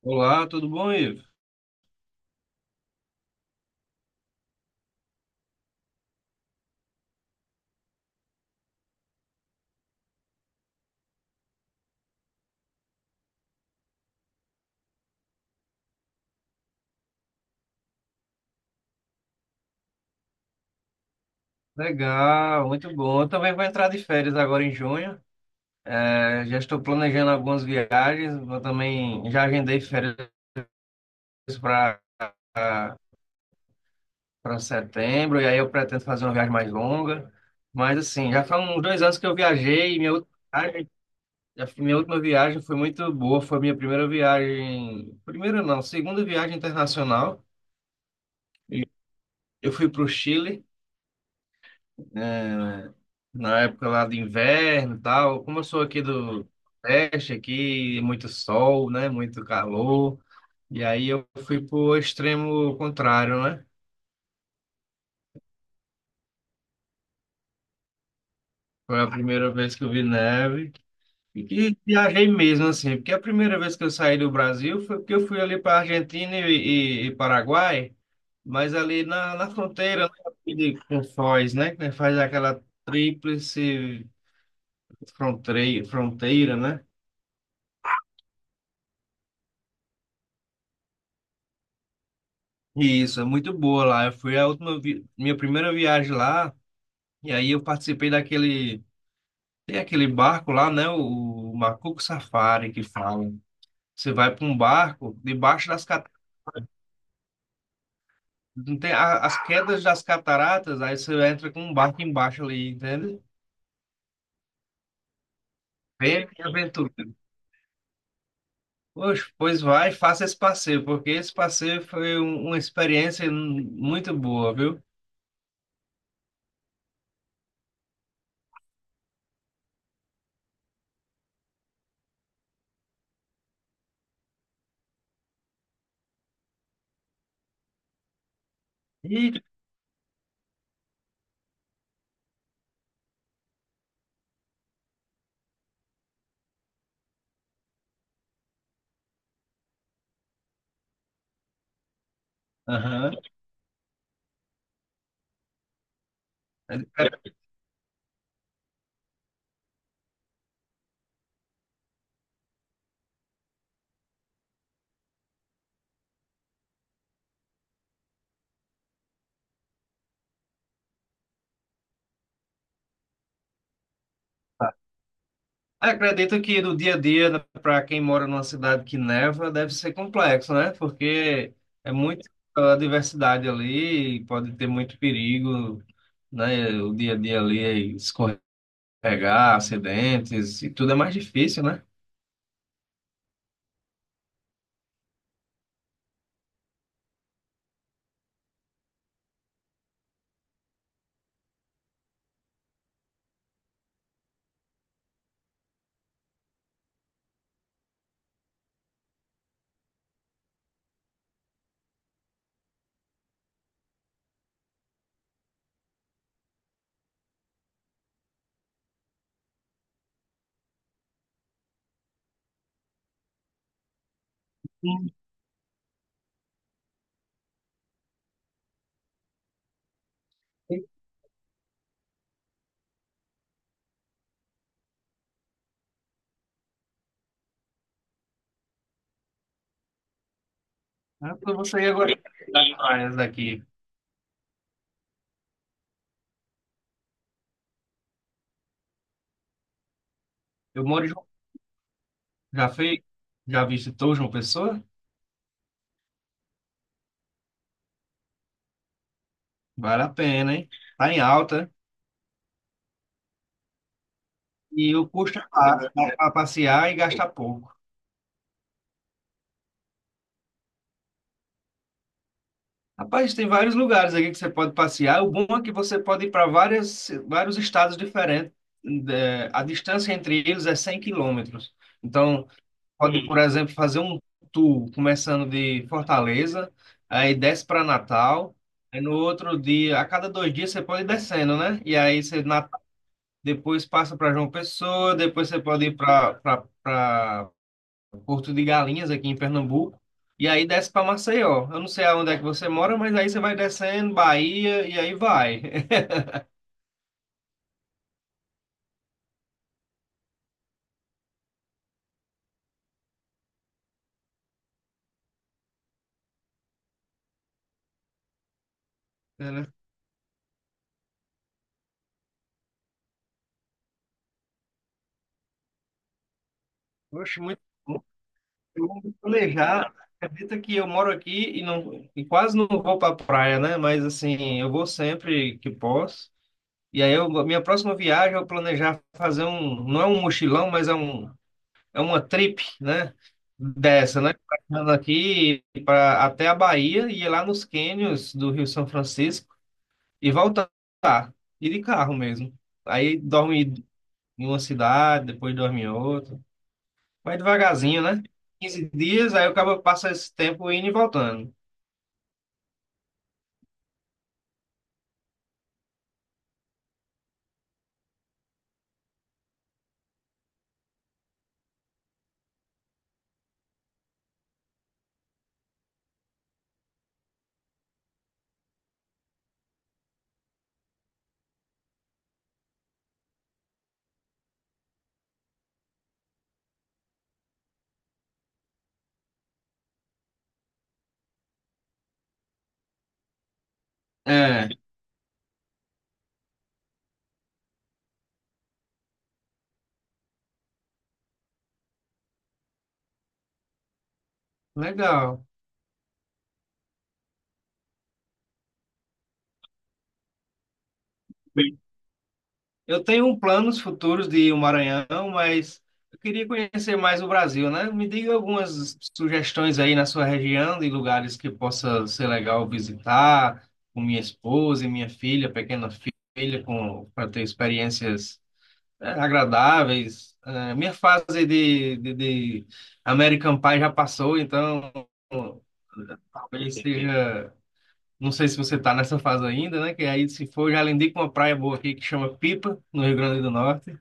Olá, tudo bom, Ivo? Legal, muito bom. Eu também vou entrar de férias agora em junho. É, já estou planejando algumas viagens. Vou também já agendei férias para para setembro e aí eu pretendo fazer uma viagem mais longa. Mas assim, já faz uns 2 anos que eu viajei. Minha última viagem, a minha última viagem foi muito boa. Foi minha primeira viagem, primeira não, segunda viagem internacional. E Eu fui para o Chile. Na época lá de inverno e tal. Como eu sou aqui do Nordeste, aqui, muito sol, né? Muito calor. E aí eu fui pro extremo contrário, né? Foi a primeira vez que eu vi neve. E que viajei mesmo, assim, porque a primeira vez que eu saí do Brasil foi porque eu fui ali para Argentina e Paraguai, mas ali na fronteira, né, com Foz, né? Que faz aquela tríplice fronteira, né? Isso, é muito boa lá. Eu fui a última vi- minha primeira viagem lá, e aí eu participei daquele, tem aquele barco lá, né, o Macuco Safari que fala. Você vai para um barco debaixo das cat- não tem as quedas das cataratas, aí você entra com um barco embaixo ali, entende? Bem aventura. Poxa, pois vai, faça esse passeio, porque esse passeio foi uma experiência muito boa, viu? E, aham. Acredito que no dia a dia, para quem mora numa cidade que neva, deve ser complexo, né? Porque é muita diversidade ali, e pode ter muito perigo, né? O dia a dia ali é escorregar, acidentes, e tudo é mais difícil, né? Sim. Então você ia agora das praias daqui. Eu moro em João, já fui, já visitou João Pessoa? Vale a pena, hein? Tá em alta e o custo é baixo, dá para passear e gastar pouco. Rapaz, tem vários lugares aqui que você pode passear. O bom é que você pode ir para vários estados diferentes. A distância entre eles é 100 quilômetros. Então, pode, por exemplo, fazer um tour começando de Fortaleza, aí desce para Natal. Aí no outro dia, a cada 2 dias, você pode ir descendo, né? Depois passa para João Pessoa, depois você pode ir para Porto de Galinhas, aqui em Pernambuco, e aí desce para Maceió. Eu não sei aonde é que você mora, mas aí você vai descendo, Bahia, e aí vai. Né? Oxe, muito bom. Eu vou me planejar. Acredita que eu moro aqui e, não, e quase não vou para praia, né? Mas assim, eu vou sempre que posso. E aí, eu, minha próxima viagem, eu planejar fazer um, não é um mochilão, mas é um, é uma trip, né? Dessa, né? Passando aqui para até a Bahia e ir lá nos cânions do Rio São Francisco. E voltar e de carro mesmo. Aí dorme em uma cidade, depois dorme em outra. Vai devagarzinho, né? 15 dias, aí o cara passa esse tempo indo e voltando. É, legal. Bem, eu tenho um planos futuros de ir ao Maranhão, mas eu queria conhecer mais o Brasil, né? Me diga algumas sugestões aí na sua região de lugares que possa ser legal visitar, com minha esposa e minha filha, pequena filha, com para ter experiências é, agradáveis. É, minha fase de American Pie já passou, então talvez seja. Não sei se você está nessa fase ainda, né? Que aí, se for, já lindei com uma praia boa aqui que chama Pipa, no Rio Grande do Norte.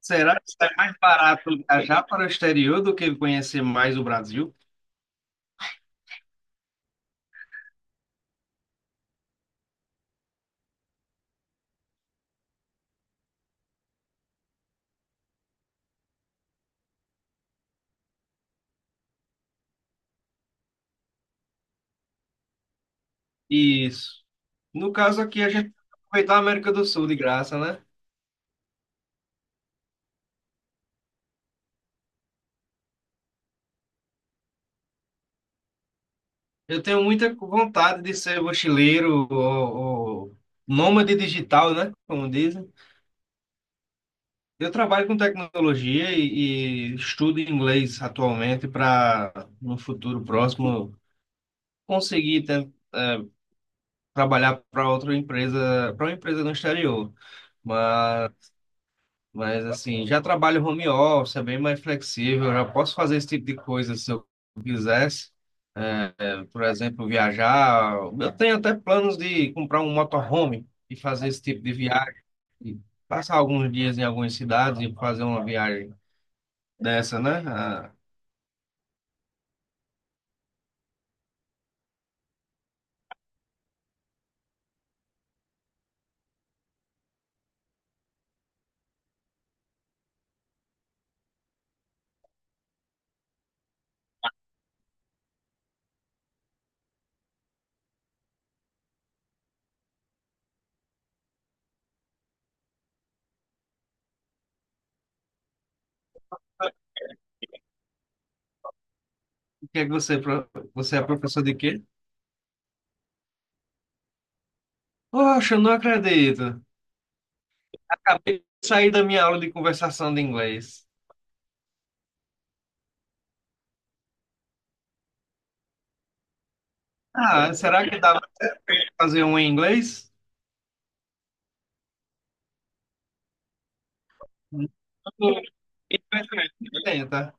Será que é mais barato viajar para o exterior do que conhecer mais o Brasil? Isso. No caso aqui, a gente aproveitar a América do Sul de graça, né? Eu tenho muita vontade de ser mochileiro ou nômade digital, né? Como dizem. Eu trabalho com tecnologia e estudo inglês atualmente para, no futuro próximo, conseguir ten- eh, trabalhar para outra empresa, para uma empresa no exterior. Mas, mas assim, já trabalho home office, é bem mais flexível, já posso fazer esse tipo de coisa se eu quisesse. Eh, por exemplo, viajar. Eu tenho até planos de comprar um motorhome e fazer esse tipo de viagem, passar alguns dias em algumas cidades e fazer uma viagem dessa, né? Ah, que é que você, é pro- você é professor de quê? Poxa, eu não acredito. Acabei de sair da minha aula de conversação de inglês. Ah, será que dá para fazer um em inglês? Não, tenta.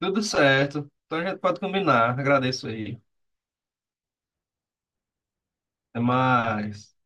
Tudo certo. Então a gente pode combinar. Agradeço aí. Até mais.